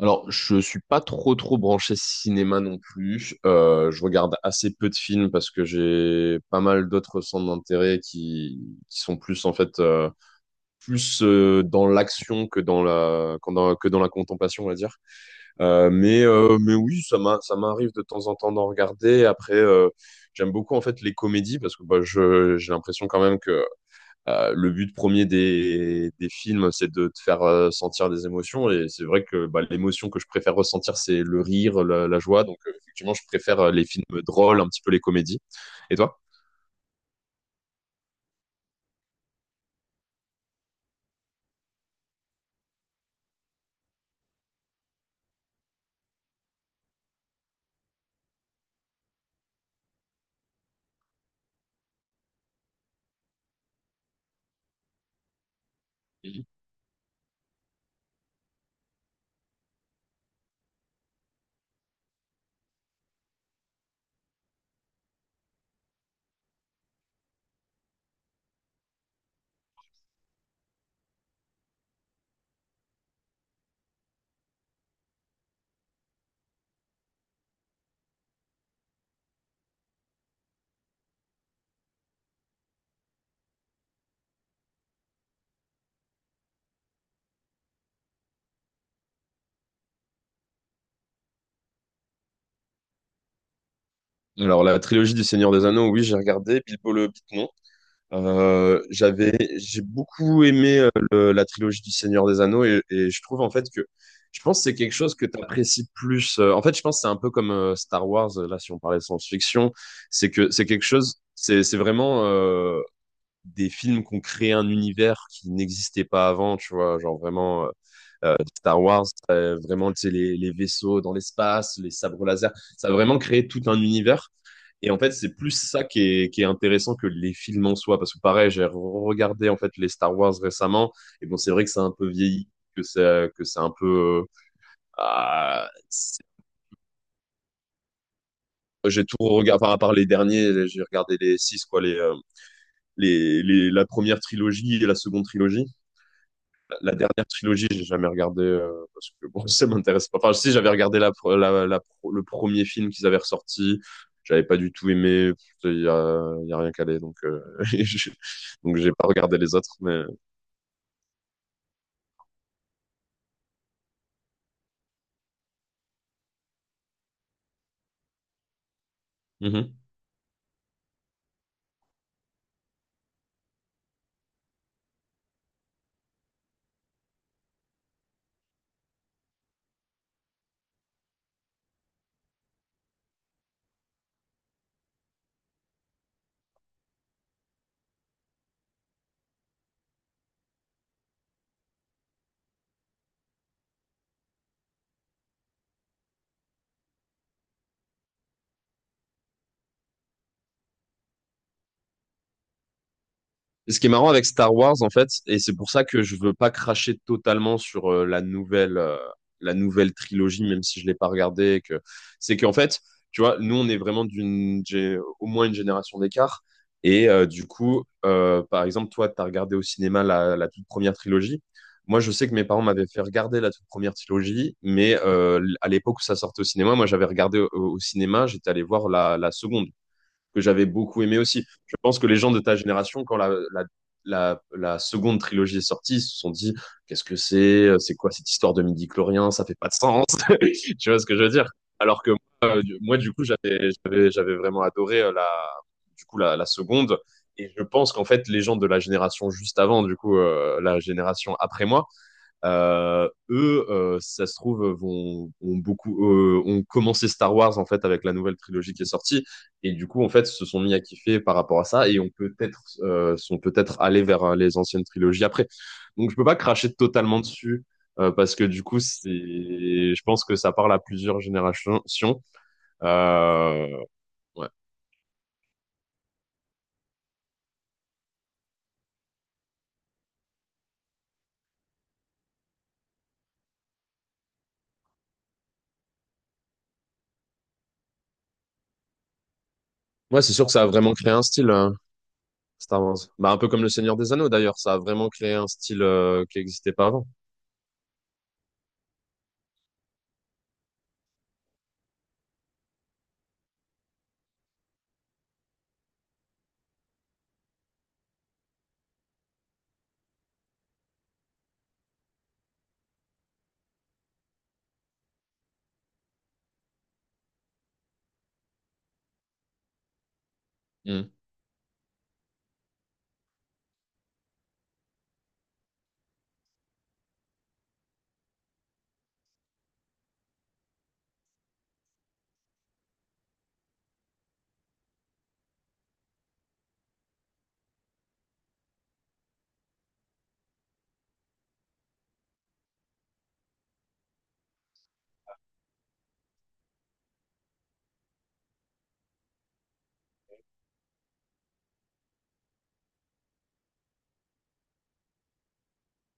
Alors, je suis pas trop trop branché cinéma non plus. Je regarde assez peu de films parce que j'ai pas mal d'autres centres d'intérêt qui sont plus en fait plus dans l'action que dans la contemplation, on va dire. Mais oui, ça m'arrive de temps en temps d'en regarder. Après, j'aime beaucoup en fait les comédies parce que bah, je j'ai l'impression quand même que le but premier des films, c'est de te faire sentir des émotions. Et c'est vrai que bah, l'émotion que je préfère ressentir, c'est le rire, la joie. Donc, effectivement, je préfère les films drôles, un petit peu les comédies. Et toi? Mhm. Alors, la trilogie du Seigneur des Anneaux, oui, j'ai regardé. Bilbo le Hobbit, non. J'ai beaucoup aimé la trilogie du Seigneur des Anneaux et je trouve en fait que je pense que c'est quelque chose que tu apprécies plus. En fait, je pense que c'est un peu comme Star Wars, là, si on parlait de science-fiction, c'est que c'est quelque chose, c'est vraiment des films qu'on crée un univers qui n'existait pas avant, tu vois, genre vraiment Star Wars, vraiment, tu sais, les vaisseaux dans l'espace, les sabres laser, ça a vraiment créé tout un univers. Et en fait, c'est plus ça qui est intéressant que les films en soi. Parce que pareil, j'ai regardé en fait les Star Wars récemment. Et bon, c'est vrai que c'est un peu vieilli, que c'est un peu. Ah, c'est- j'ai tout regardé, enfin, à part les derniers, j'ai regardé les six, quoi, la première trilogie et la seconde trilogie. La dernière trilogie, j'ai jamais regardé parce que bon, ça m'intéresse pas. Enfin, si j'avais regardé la, pre- la pro- le premier film qu'ils avaient ressorti, j'avais pas du tout aimé. Il y a rien calé, donc je- donc j'ai pas regardé les autres, mais Mhm. Ce qui est marrant avec Star Wars, en fait, et c'est pour ça que je veux pas cracher totalement sur la nouvelle trilogie, même si je l'ai pas regardée, et que c'est qu'en fait, tu vois, nous, on est vraiment au moins une génération d'écart. Et du coup, par exemple, toi, tu as regardé au cinéma la toute première trilogie. Moi, je sais que mes parents m'avaient fait regarder la toute première trilogie, mais à l'époque où ça sortait au cinéma, moi, j'avais regardé au cinéma, j'étais allé voir la seconde que j'avais beaucoup aimé aussi. Je pense que les gens de ta génération, quand la seconde trilogie est sortie, ils se sont dit qu'est-ce que c'est quoi cette histoire de midi chlorien, ça fait pas de sens. Tu vois ce que je veux dire. Alors que moi, moi, du coup, j'avais vraiment adoré du coup, la seconde. Et je pense qu'en fait, les gens de la génération juste avant, du coup, la génération après moi, eux, si ça se trouve, ont commencé Star Wars en fait avec la nouvelle trilogie qui est sortie, et du coup en fait se sont mis à kiffer par rapport à ça, et ont peut-être sont peut-être allés vers les anciennes trilogies après. Donc je peux pas cracher totalement dessus parce que du coup je pense que ça parle à plusieurs générations. Euh, ouais, ouais, c'est sûr que ça a vraiment créé un style Star Wars. Bah un peu comme le Seigneur des Anneaux d'ailleurs, ça a vraiment créé un style qui n'existait pas avant.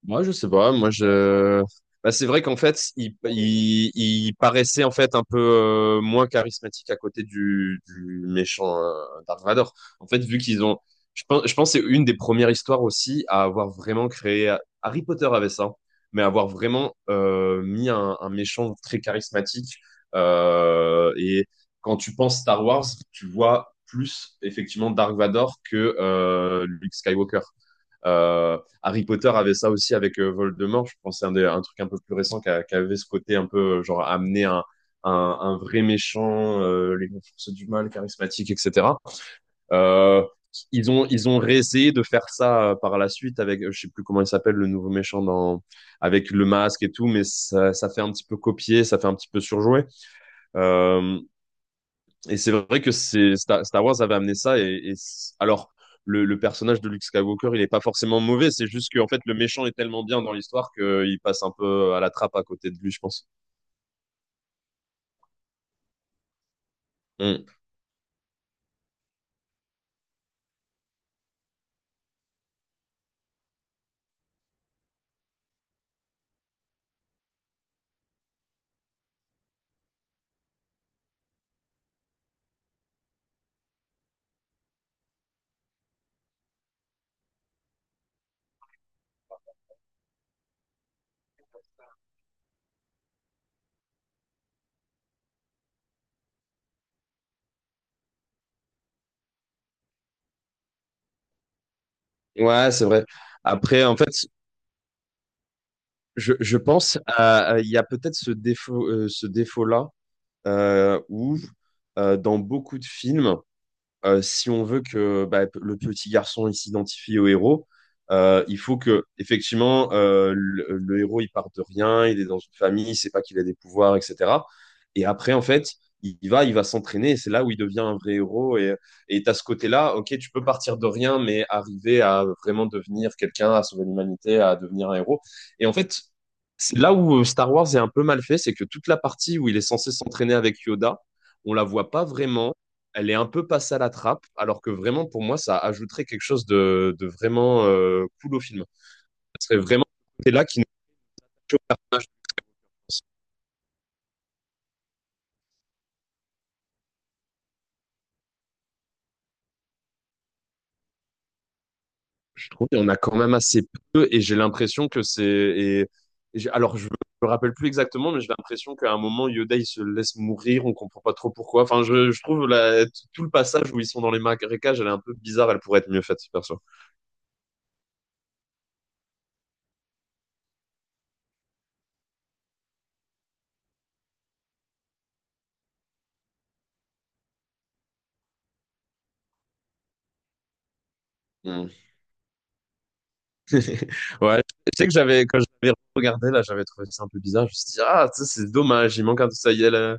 Moi, je sais pas. Moi, je. Bah, c'est vrai qu'en fait, il paraissait en fait un peu moins charismatique à côté du méchant Dark Vador. En fait, vu qu'ils ont, je pense que c'est une des premières histoires aussi à avoir vraiment créé. Harry Potter avait ça, mais avoir vraiment mis un méchant très charismatique. Et quand tu penses Star Wars, tu vois plus effectivement Dark Vador que Luke Skywalker. Harry Potter avait ça aussi avec Voldemort. Je pense que c'est un truc un peu plus récent qui avait ce côté un peu genre amener un, un vrai méchant, les forces du mal, charismatique, etc. Euh, ils ont réessayé de faire ça par la suite avec je sais plus comment il s'appelle le nouveau méchant dans avec le masque et tout, mais ça fait un petit peu copier, ça fait un petit peu surjouer. Euh, et c'est vrai que c'est Star Wars avait amené ça. Alors, le personnage de Luke Skywalker, il est pas forcément mauvais. C'est juste qu'en fait, le méchant est tellement bien dans l'histoire qu'il passe un peu à la trappe à côté de lui, je pense. Mm. Ouais, c'est vrai. Après, en fait, je pense il y a peut-être ce défaut, ce défaut-là où dans beaucoup de films, si on veut que bah, le petit garçon il s'identifie au héros, il faut que effectivement le héros il part de rien, il est dans une famille, il sait pas qu'il a des pouvoirs, etc. Et après en fait, il va s'entraîner, et c'est là où il devient un vrai héros. Et t'as ce côté-là, ok, tu peux partir de rien, mais arriver à vraiment devenir quelqu'un, à sauver l'humanité, à devenir un héros. Et en fait, c'est là où Star Wars est un peu mal fait, c'est que toute la partie où il est censé s'entraîner avec Yoda, on la voit pas vraiment elle est un peu passée à la trappe, alors que vraiment, pour moi, ça ajouterait quelque chose de vraiment cool au film. Ce serait vraiment ce côté-là qui nous choque, je trouve. Il y en a quand même assez peu, et j'ai l'impression que c'est. Alors, je me rappelle plus exactement, mais j'ai l'impression qu'à un moment, Yoda, il se laisse mourir, on comprend pas trop pourquoi. Enfin, je trouve tout le passage où ils sont dans les marécages, elle est un peu bizarre, elle pourrait être mieux faite, perso. Hmm. Ouais, je sais que j'avais, quand j'avais regardé, là, j'avais trouvé ça un peu bizarre. Je me suis dit, ah, ça, c'est dommage, il manque un, ça y est, là,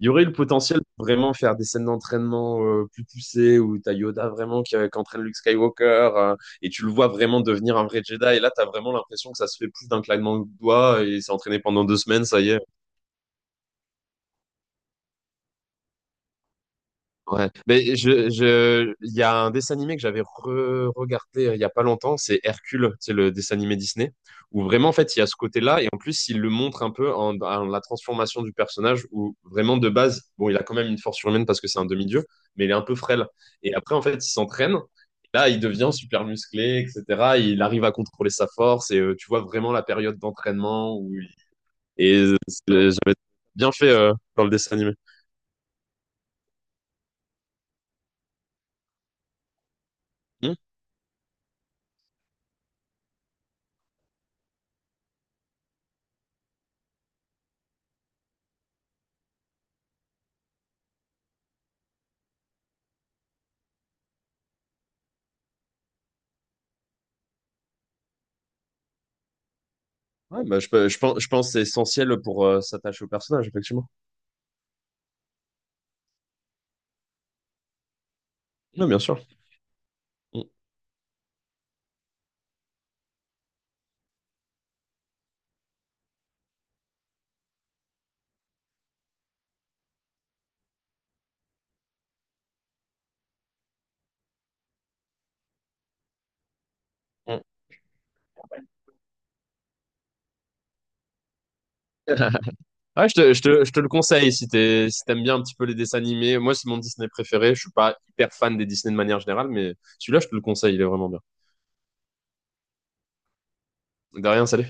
Il y aurait eu le potentiel de vraiment faire des scènes d'entraînement plus poussées où t'as Yoda vraiment qui entraîne Luke Skywalker et tu le vois vraiment devenir un vrai Jedi. Et là, t'as vraiment l'impression que ça se fait plus d'un claquement de doigts et il s'est entraîné pendant deux semaines, ça y est. Ouais, mais il y a un dessin animé que j'avais re-regardé il y a pas longtemps, c'est Hercule, c'est le dessin animé Disney, où vraiment, en fait, il y a ce côté-là, et en plus, il le montre un peu en la transformation du personnage, où vraiment, de base, bon, il a quand même une force surhumaine parce que c'est un demi-dieu, mais il est un peu frêle. Et après, en fait, il s'entraîne, et là, il devient super musclé, etc. Il arrive à contrôler sa force, et tu vois vraiment la période d'entraînement où il... Et j'avais bien fait dans le dessin animé. Hmm. Ouais, bah, je pense que c'est essentiel pour s'attacher au personnage, effectivement. Non, bien sûr. Mm, mm. Ouais, je te le conseille si si t'aimes bien un petit peu les dessins animés. Moi, c'est mon Disney préféré. Je suis pas hyper fan des Disney de manière générale, mais celui-là, je te le conseille, il est vraiment bien. De rien, salut.